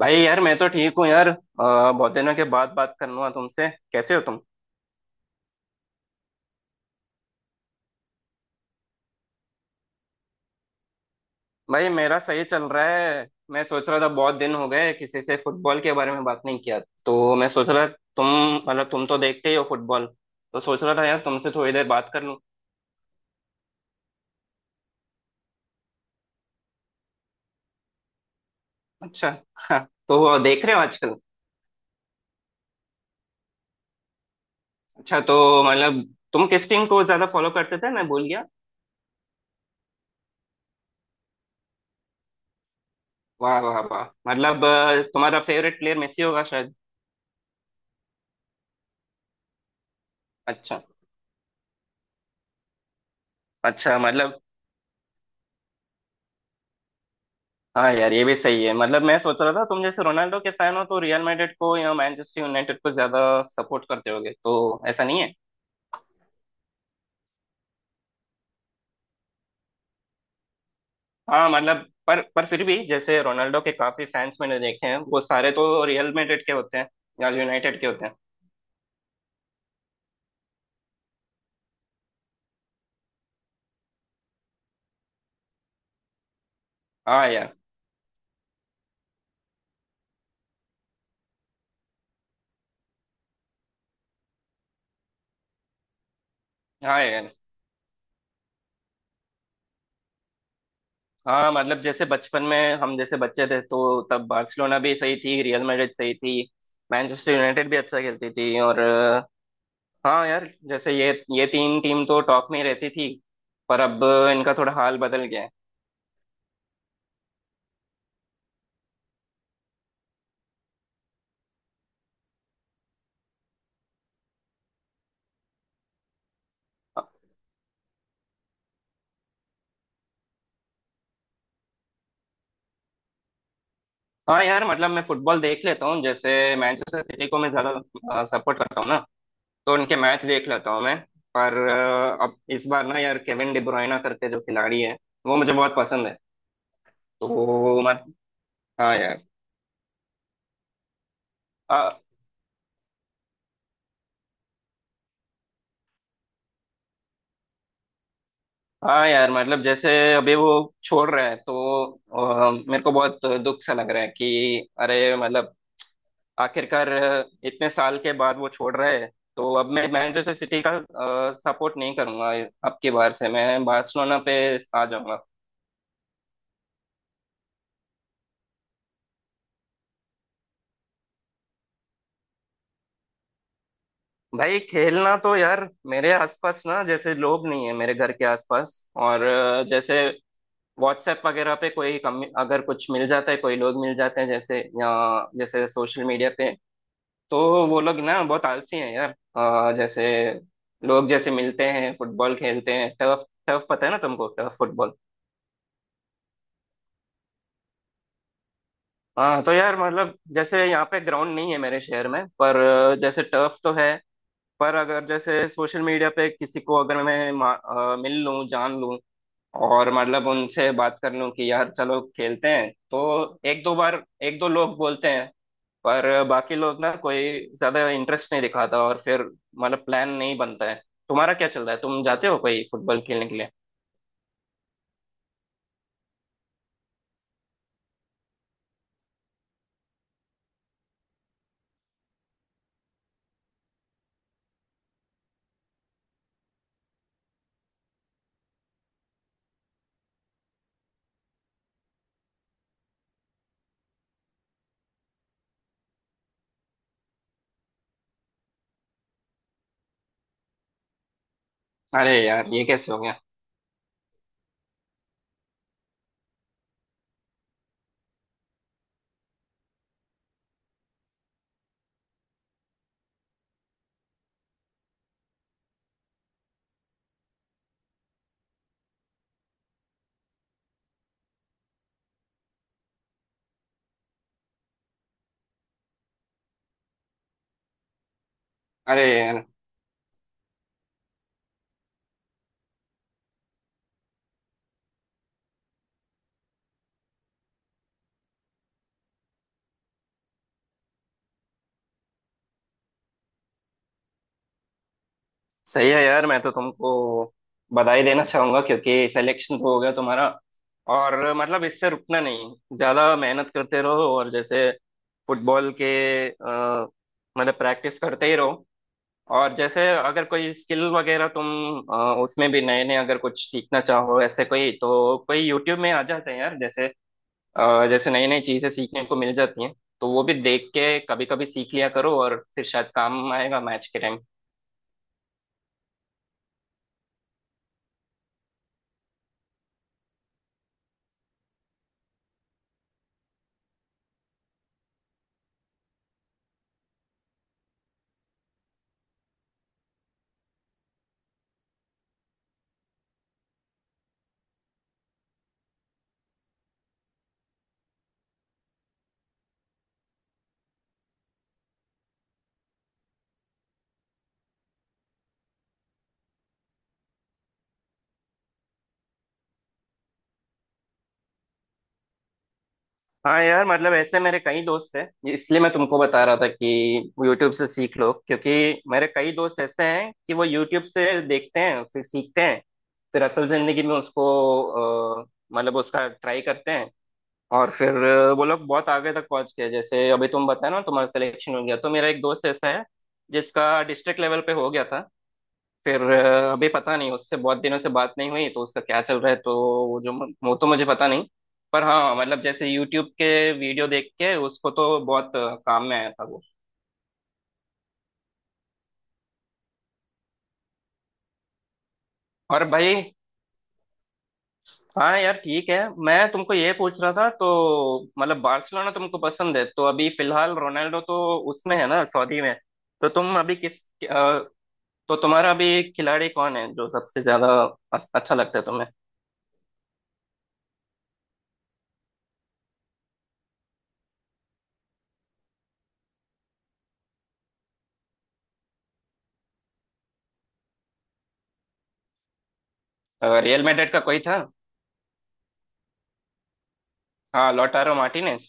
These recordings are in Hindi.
भाई यार मैं तो ठीक हूँ यार बहुत दिनों के बाद बात करना। तुमसे कैसे हो तुम। भाई मेरा सही चल रहा है। मैं सोच रहा था बहुत दिन हो गए किसी से फुटबॉल के बारे में बात नहीं किया। तो मैं सोच रहा तुम, मतलब तुम तो देखते ही हो फुटबॉल, तो सोच रहा था यार तुमसे थोड़ी देर बात कर लूँ। अच्छा हाँ। तो देख रहे हो आजकल। अच्छा, तो मतलब तुम किस टीम को ज्यादा फॉलो करते थे मैं भूल गया। वाह वाह वाह, मतलब तुम्हारा फेवरेट प्लेयर मेसी होगा शायद। अच्छा। अच्छा मतलब, हाँ यार ये भी सही है। मतलब मैं सोच रहा था तुम जैसे रोनाल्डो के फैन हो तो रियल मैड्रिड को या मैनचेस्टर यूनाइटेड को ज्यादा सपोर्ट करते होगे, तो ऐसा नहीं है। हाँ मतलब पर फिर भी जैसे रोनाल्डो के काफी फैंस मैंने देखे हैं वो सारे तो रियल मैड्रिड के होते हैं या यूनाइटेड के होते हैं। हाँ यार। हाँ यार। हाँ मतलब जैसे बचपन में हम जैसे बच्चे थे तो तब बार्सिलोना भी सही थी, रियल मैड्रिड सही थी, मैनचेस्टर यूनाइटेड भी अच्छा खेलती थी। और हाँ यार जैसे ये तीन टीम तो टॉप में ही रहती थी। पर अब इनका थोड़ा हाल बदल गया है। हाँ यार मतलब मैं फुटबॉल देख लेता हूँ। जैसे मैनचेस्टर सिटी को मैं ज्यादा सपोर्ट करता हूँ ना, तो उनके मैच देख लेता हूँ मैं। पर अब इस बार ना यार, केविन डी ब्रुयना करके जो खिलाड़ी है वो मुझे बहुत पसंद है। तो वो मत। हाँ यार। अ, हाँ यार, मतलब जैसे अभी वो छोड़ रहा है तो मेरे को बहुत दुख सा लग रहा है कि अरे मतलब आखिरकार इतने साल के बाद वो छोड़ रहा है। तो अब मैं मैनचेस्टर सिटी का सपोर्ट नहीं करूंगा। अब की बार से मैं बार्सिलोना पे आ जाऊंगा। भाई खेलना तो यार, मेरे आसपास ना जैसे लोग नहीं है मेरे घर के आसपास, और जैसे व्हाट्सएप वगैरह पे कोई कम अगर कुछ मिल जाता है, कोई लोग मिल जाते हैं जैसे, या जैसे सोशल मीडिया पे, तो वो लोग ना बहुत आलसी हैं यार। जैसे लोग जैसे मिलते हैं फुटबॉल खेलते हैं टर्फ, टर्फ पता है ना तुमको, टर्फ फुटबॉल। हाँ तो यार मतलब जैसे यहाँ पे ग्राउंड नहीं है मेरे शहर में, पर जैसे टर्फ तो है। पर अगर जैसे सोशल मीडिया पे किसी को अगर मैं मिल लूँ जान लूँ और मतलब उनसे बात कर लूँ कि यार चलो खेलते हैं, तो एक दो बार एक दो लोग बोलते हैं पर बाकी लोग ना कोई ज्यादा इंटरेस्ट नहीं दिखाता, और फिर मतलब प्लान नहीं बनता है। तुम्हारा क्या चल रहा है, तुम जाते हो कोई फुटबॉल खेलने के लिए। अरे यार ये कैसे हो गया। अरे यार सही है यार, मैं तो तुमको बधाई देना चाहूंगा क्योंकि सिलेक्शन तो हो गया तुम्हारा। और मतलब इससे रुकना नहीं, ज्यादा मेहनत करते रहो, और जैसे फुटबॉल के, अ, मतलब प्रैक्टिस करते ही रहो। और जैसे अगर कोई स्किल वगैरह तुम अ, उसमें भी नए नए अगर कुछ सीखना चाहो, ऐसे कोई तो कोई यूट्यूब में आ जाते हैं यार जैसे, जैसे नई नई चीजें सीखने को मिल जाती हैं। तो वो भी देख के कभी कभी सीख लिया करो, और फिर शायद काम आएगा मैच के टाइम। हाँ यार मतलब ऐसे मेरे कई दोस्त हैं, ये इसलिए मैं तुमको बता रहा था कि यूट्यूब से सीख लो, क्योंकि मेरे कई दोस्त ऐसे हैं कि वो यूट्यूब से देखते हैं फिर सीखते हैं, फिर असल जिंदगी में उसको अ, मतलब उसका ट्राई करते हैं। और फिर वो लोग बहुत आगे तक पहुंच गए। जैसे अभी तुम बताया ना तुम्हारा सिलेक्शन हो गया, तो मेरा एक दोस्त ऐसा है जिसका डिस्ट्रिक्ट लेवल पे हो गया था। फिर अभी पता नहीं, उससे बहुत दिनों से बात नहीं हुई तो उसका क्या चल रहा है तो वो जो, वो तो मुझे पता नहीं। पर हाँ मतलब जैसे यूट्यूब के वीडियो देख के उसको तो बहुत काम में आया था वो। और भाई हाँ यार ठीक है। मैं तुमको ये पूछ रहा था तो, मतलब बार्सिलोना तुमको पसंद है तो अभी फिलहाल रोनाल्डो तो उसमें है ना सऊदी में, तो तुम अभी किस, अ, तो तुम्हारा अभी खिलाड़ी कौन है जो सबसे ज्यादा अस- अच्छा लगता है तुम्हें। रियल मैड्रिड का कोई था। हाँ लोटारो मार्टिनेज।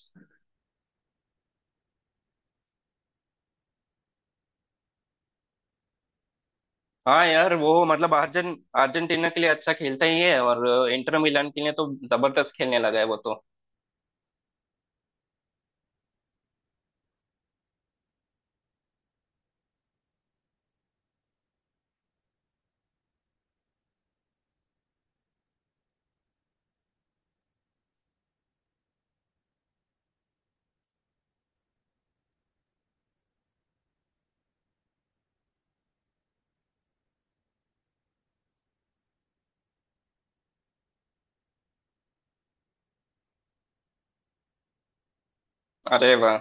हाँ यार वो मतलब अर्जन अर्जेंटीना के लिए अच्छा खेलता ही है और इंटर मिलान के लिए तो जबरदस्त खेलने लगा है वो तो। अरे वाह।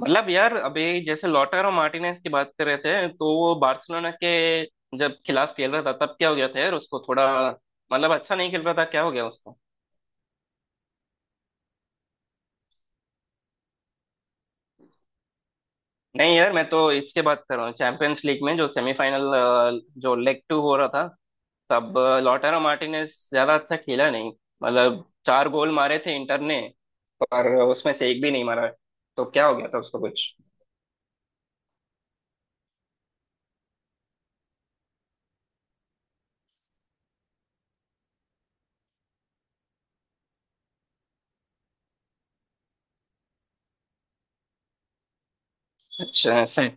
मतलब यार अभी जैसे लॉटारो मार्टिनेज की बात कर रहे थे, तो वो बार्सिलोना के जब खिलाफ खेल रहा था तब क्या हो गया था यार उसको थोड़ा, मतलब अच्छा नहीं खेल रहा था, क्या हो गया उसको। नहीं यार मैं तो इसके बात कर रहा हूँ, चैंपियंस लीग में जो सेमीफाइनल, जो लेग टू हो रहा था, तब लॉटारो मार्टिनेज ज्यादा अच्छा खेला नहीं। मतलब 4 गोल मारे थे इंटर ने, पर उसमें से एक भी नहीं मारा। तो क्या हो गया था उसको कुछ। अच्छा ऐसा है।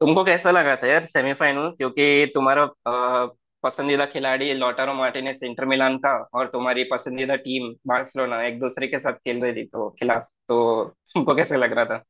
तुमको कैसा लगा था यार सेमीफाइनल, क्योंकि तुम्हारा पसंदीदा खिलाड़ी लॉटारो मार्टिनेज इंटर मिलान का, और तुम्हारी पसंदीदा टीम बार्सिलोना एक दूसरे के साथ खेल रही थी तो खिलाफ, तो तुमको कैसे लग रहा था।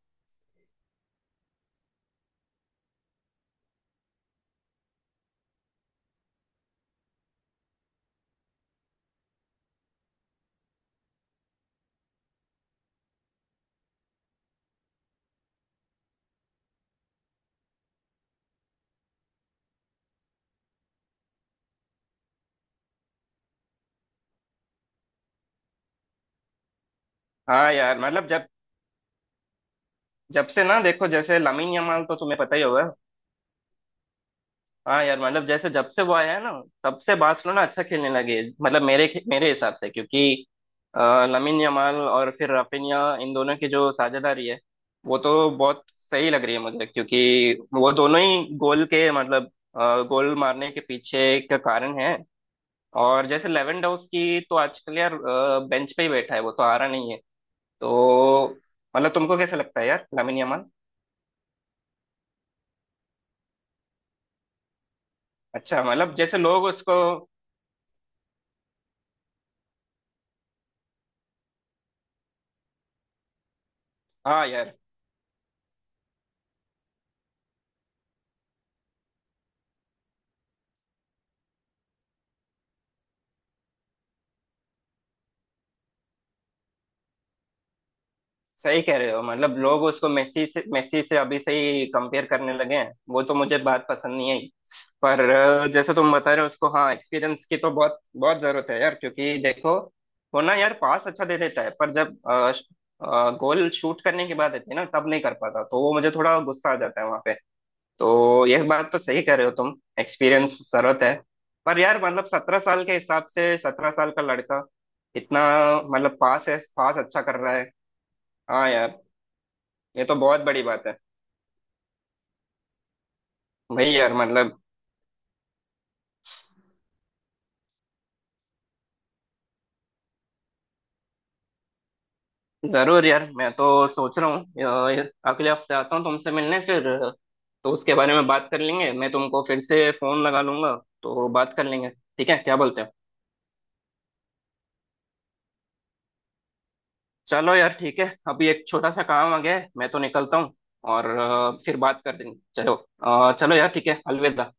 हाँ यार मतलब जब, जब से ना देखो जैसे लामिन यमाल तो तुम्हें पता ही होगा। हाँ यार मतलब जैसे जब से वो आया है ना, तब से बार्सिलोना अच्छा खेलने लगे मतलब मेरे मेरे हिसाब से, क्योंकि अ, लामिन यमाल और फिर राफिनिया, इन दोनों की जो साझेदारी है वो तो बहुत सही लग रही है मुझे, क्योंकि वो दोनों ही गोल के मतलब गोल मारने के पीछे का कारण है। और जैसे लेवेंडोव्स्की तो आजकल यार बेंच पे ही बैठा है, वो तो आ रहा नहीं है। तो मतलब तुमको कैसा लगता है यार लामिन यमाल। अच्छा, मतलब जैसे लोग उसको, हाँ यार सही कह रहे हो। मतलब लोग उसको मेसी से अभी से ही कंपेयर करने लगे हैं, वो तो मुझे बात पसंद नहीं आई। पर जैसे तुम बता रहे हो उसको, हाँ एक्सपीरियंस की तो बहुत बहुत जरूरत है यार, क्योंकि देखो वो ना यार पास अच्छा दे देता है पर जब गोल शूट करने की बात आती है ना, तब नहीं कर पाता, तो वो मुझे थोड़ा गुस्सा आ जाता है वहां पे। तो यह बात तो सही कह रहे हो तुम, एक्सपीरियंस जरूरत है। पर यार मतलब 17 साल के हिसाब से, 17 साल का लड़का इतना, मतलब पास है, पास अच्छा कर रहा है। हाँ यार ये तो बहुत बड़ी बात है। भाई यार मतलब, जरूर यार मैं तो सोच रहा हूँ अगले हफ्ते आता हूँ तुमसे मिलने, फिर तो उसके बारे में बात कर लेंगे। मैं तुमको फिर से फोन लगा लूंगा, तो बात कर लेंगे। ठीक है क्या बोलते हो। चलो यार ठीक है, अभी एक छोटा सा काम आ गया है मैं तो निकलता हूँ, और फिर बात कर देंगे। चलो, चलो यार ठीक है, अलविदा।